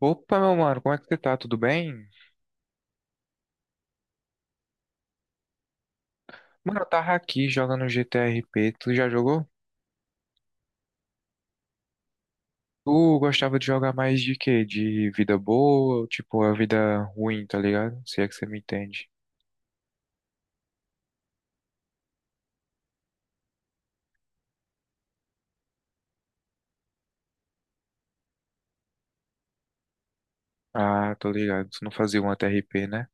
Opa, meu mano, como é que você tá? Tudo bem? Mano, eu tava aqui jogando GTRP. Tu já jogou? Tu gostava de jogar mais de quê? De vida boa ou tipo a vida ruim, tá ligado? Se é que você me entende. Ah, tô ligado. Tu não fazia um TRP, né?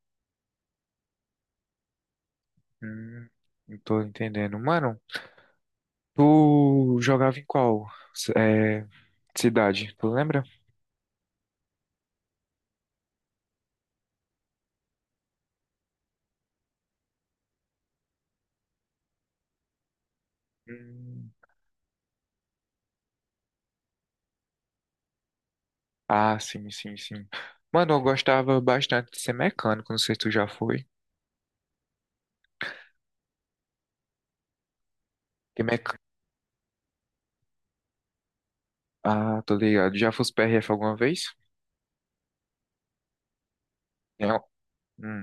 Hum, não tô entendendo. Mano, tu jogava em qual c- é, cidade? Tu lembra? Hum, ah, sim, sim, sim. Mano, eu gostava bastante de ser mecânico. Não sei se tu já foi. Ah, tô ligado. Já fosse PRF alguma vez? Tem, al- hum.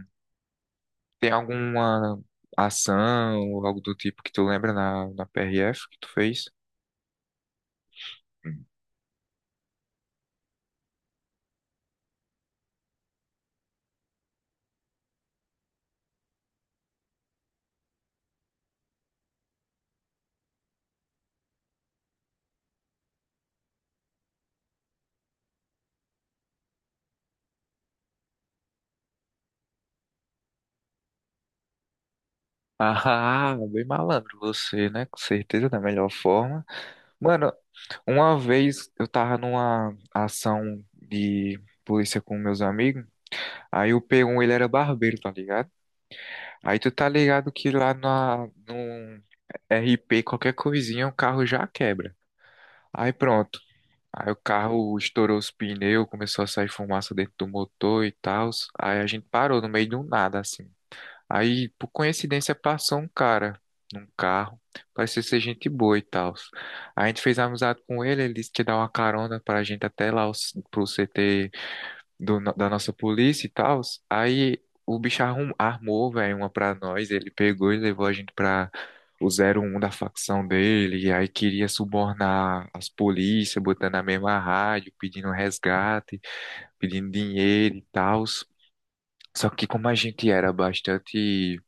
Tem alguma ação ou algo do tipo que tu lembra na PRF que tu fez? Hum. Ah, bem malandro você, né? Com certeza, da melhor forma. Mano, uma vez eu tava numa ação de polícia com meus amigos, aí o p um, ele era barbeiro, tá ligado? Aí tu tá ligado que lá na, no RP, qualquer coisinha, o carro já quebra. Aí pronto. Aí o carro estourou os pneus, começou a sair fumaça dentro do motor e tal. Aí a gente parou no meio de um nada, assim. Aí, por coincidência, passou um cara num carro. Parecia ser gente boa e tal. A gente fez amizade com ele, ele disse que ia dar uma carona pra gente até lá, pro CT do no- da nossa polícia e tal. Aí o bicho armou, velho, uma pra nós. Ele pegou e levou a gente pra o zero um da facção dele. E aí queria subornar as polícias, botando na mesma rádio, pedindo resgate, pedindo dinheiro e tal. Só que como a gente era bastante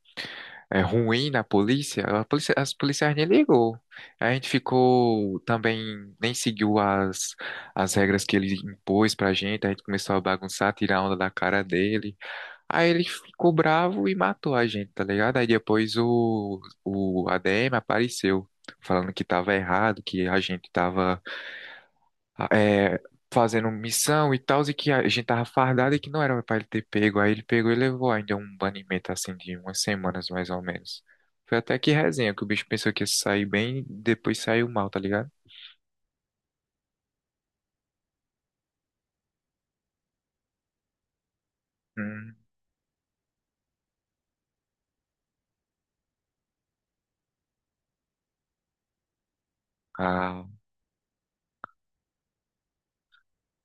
ruim na polícia, a polícia, as policiais nem ligou. A gente ficou também, nem seguiu as regras que ele impôs pra gente, a gente começou a bagunçar, tirar onda da cara dele. Aí ele ficou bravo e matou a gente, tá ligado? Aí depois o ADM apareceu, falando que tava errado, que a gente tava é, fazendo missão e tal, e que a gente tava fardado e que não era pra ele ter pego. Aí ele pegou e levou ainda um banimento assim de umas semanas mais ou menos. Foi até que resenha, que o bicho pensou que ia sair bem, depois saiu mal, tá ligado? Hum, ah,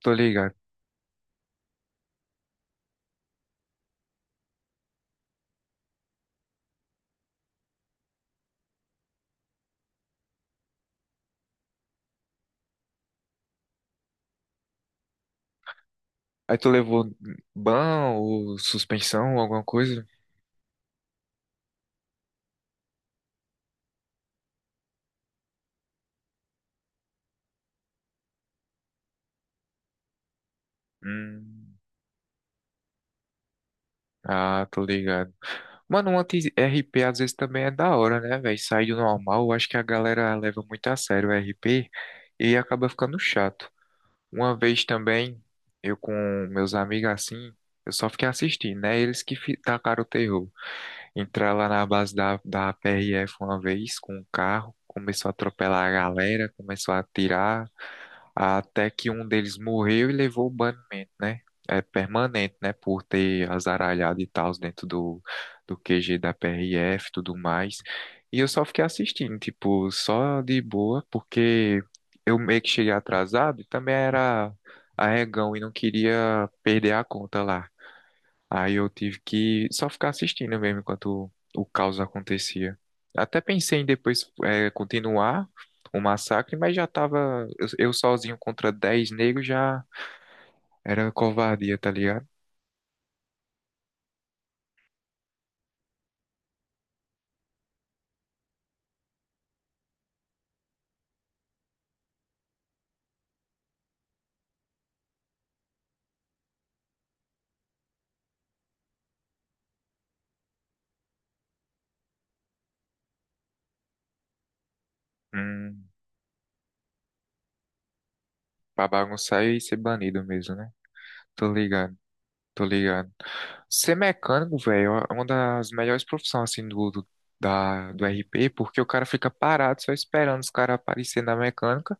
tô ligado. Aí tu levou ban ou suspensão ou alguma coisa? Hum, ah, tô ligado. Mano, um anti P às vezes também é da hora, né, velho? Sair do normal, eu acho que a galera leva muito a sério o R P e acaba ficando chato. Uma vez também, eu com meus amigos assim, eu só fiquei assistindo, né? Eles que tacaram o terror. Entrar lá na base da, da PRF uma vez com um carro, começou a atropelar a galera, começou a atirar até que um deles morreu e levou o banimento, né? É permanente, né? Por ter azaralhado e tal dentro do, do QG da PRF e tudo mais. E eu só fiquei assistindo, tipo, só de boa, porque eu meio que cheguei atrasado e também era arregão e não queria perder a conta lá. Aí eu tive que só ficar assistindo mesmo enquanto o caos acontecia. Até pensei em depois continuar o massacre, mas já tava eu sozinho contra 10 negros já era covardia, tá ligado? Hum, pra bagunçar e ser banido mesmo, né? Tô ligado, tô ligado. Ser mecânico, velho, é uma das melhores profissões assim do, do, da, do RP, porque o cara fica parado só esperando os caras aparecerem na mecânica.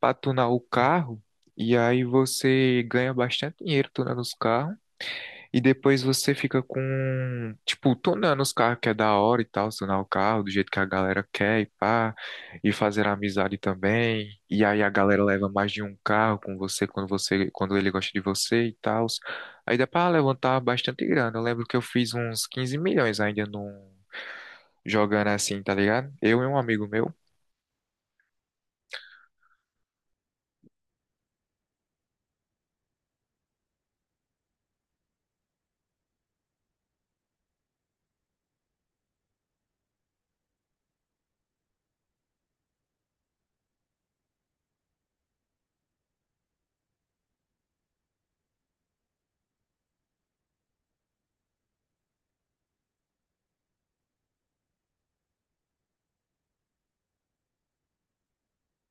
Pra tunar o carro e aí você ganha bastante dinheiro tunando os carros e depois você fica com, tipo, tunando os carros que é da hora e tal, tunar o carro do jeito que a galera quer e pá, e fazer amizade também. E aí a galera leva mais de um carro com você, quando ele gosta de você e tal. Aí dá pra levantar bastante grana. Eu lembro que eu fiz uns 15 milhões ainda num jogando assim, tá ligado? Eu e um amigo meu.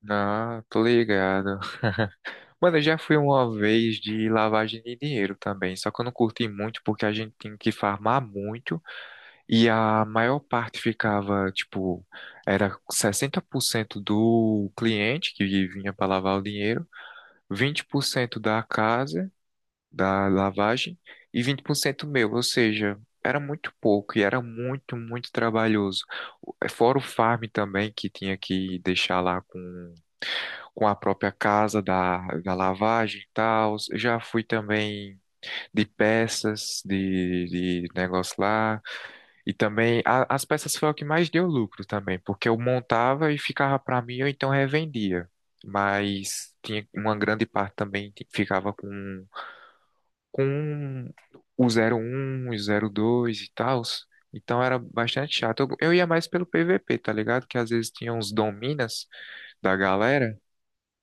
Ah, tô ligado. Mano, eu já fui uma vez de lavagem de dinheiro também, só que eu não curti muito porque a gente tinha que farmar muito e a maior parte ficava, tipo, era 60% do cliente que vinha para lavar o dinheiro, 20% da casa, da lavagem e 20% meu, ou seja, era muito pouco e era muito, muito trabalhoso. Fora o farm também que tinha que deixar lá com a própria casa da, da lavagem e tal. Já fui também de peças, de negócio lá. E também as peças foi o que mais deu lucro também, porque eu montava e ficava para mim, ou então revendia. Mas tinha uma grande parte também que ficava com o zero um o zero dois e tal. Então era bastante chato. Eu ia mais pelo PVP, tá ligado? Que às vezes tinha uns dominas da galera.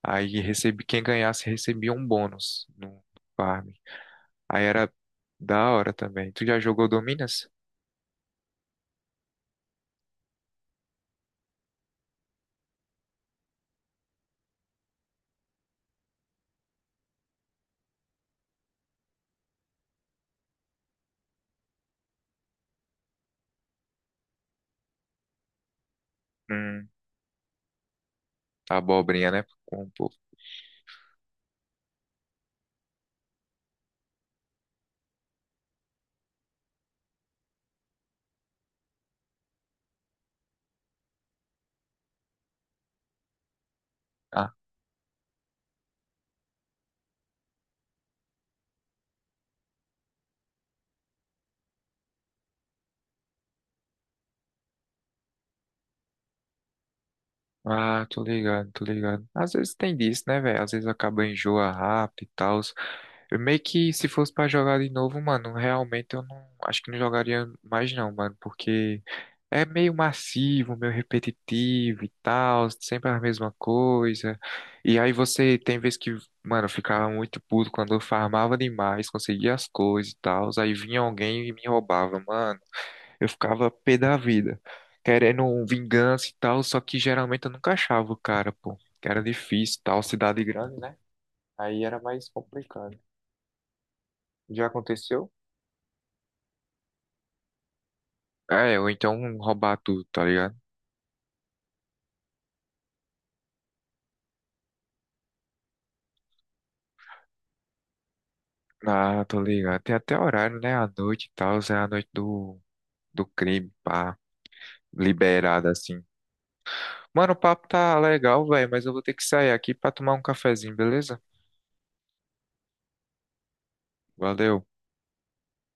Aí recebi, quem ganhasse recebia um bônus no farm. Aí era da hora também. Tu já jogou Dominas? Hum, abobrinha, né? Com um pouco. Ah, ah, tô ligado, tô ligado. Às vezes tem disso, né, velho? Às vezes acaba enjoa rápido e tal. Eu meio que se fosse pra jogar de novo, mano, realmente eu não acho que não jogaria mais não, mano, porque é meio massivo, meio repetitivo e tal, sempre a mesma coisa. E aí você tem vezes que, mano, eu ficava muito puto quando eu farmava demais, conseguia as coisas e tal, aí vinha alguém e me roubava, mano. Eu ficava pé da vida, querendo um vingança e tal, só que geralmente eu nunca achava o cara, pô, que era difícil e tal, cidade grande, né? Aí era mais complicado. Já aconteceu? É, ou então roubar tudo, tá ligado? Ah, tô ligado. Tem até horário, né? À noite e tal, é a noite do, do crime, pá, liberada assim. Mano, o papo tá legal, velho, mas eu vou ter que sair aqui pra tomar um cafezinho, beleza? Valeu.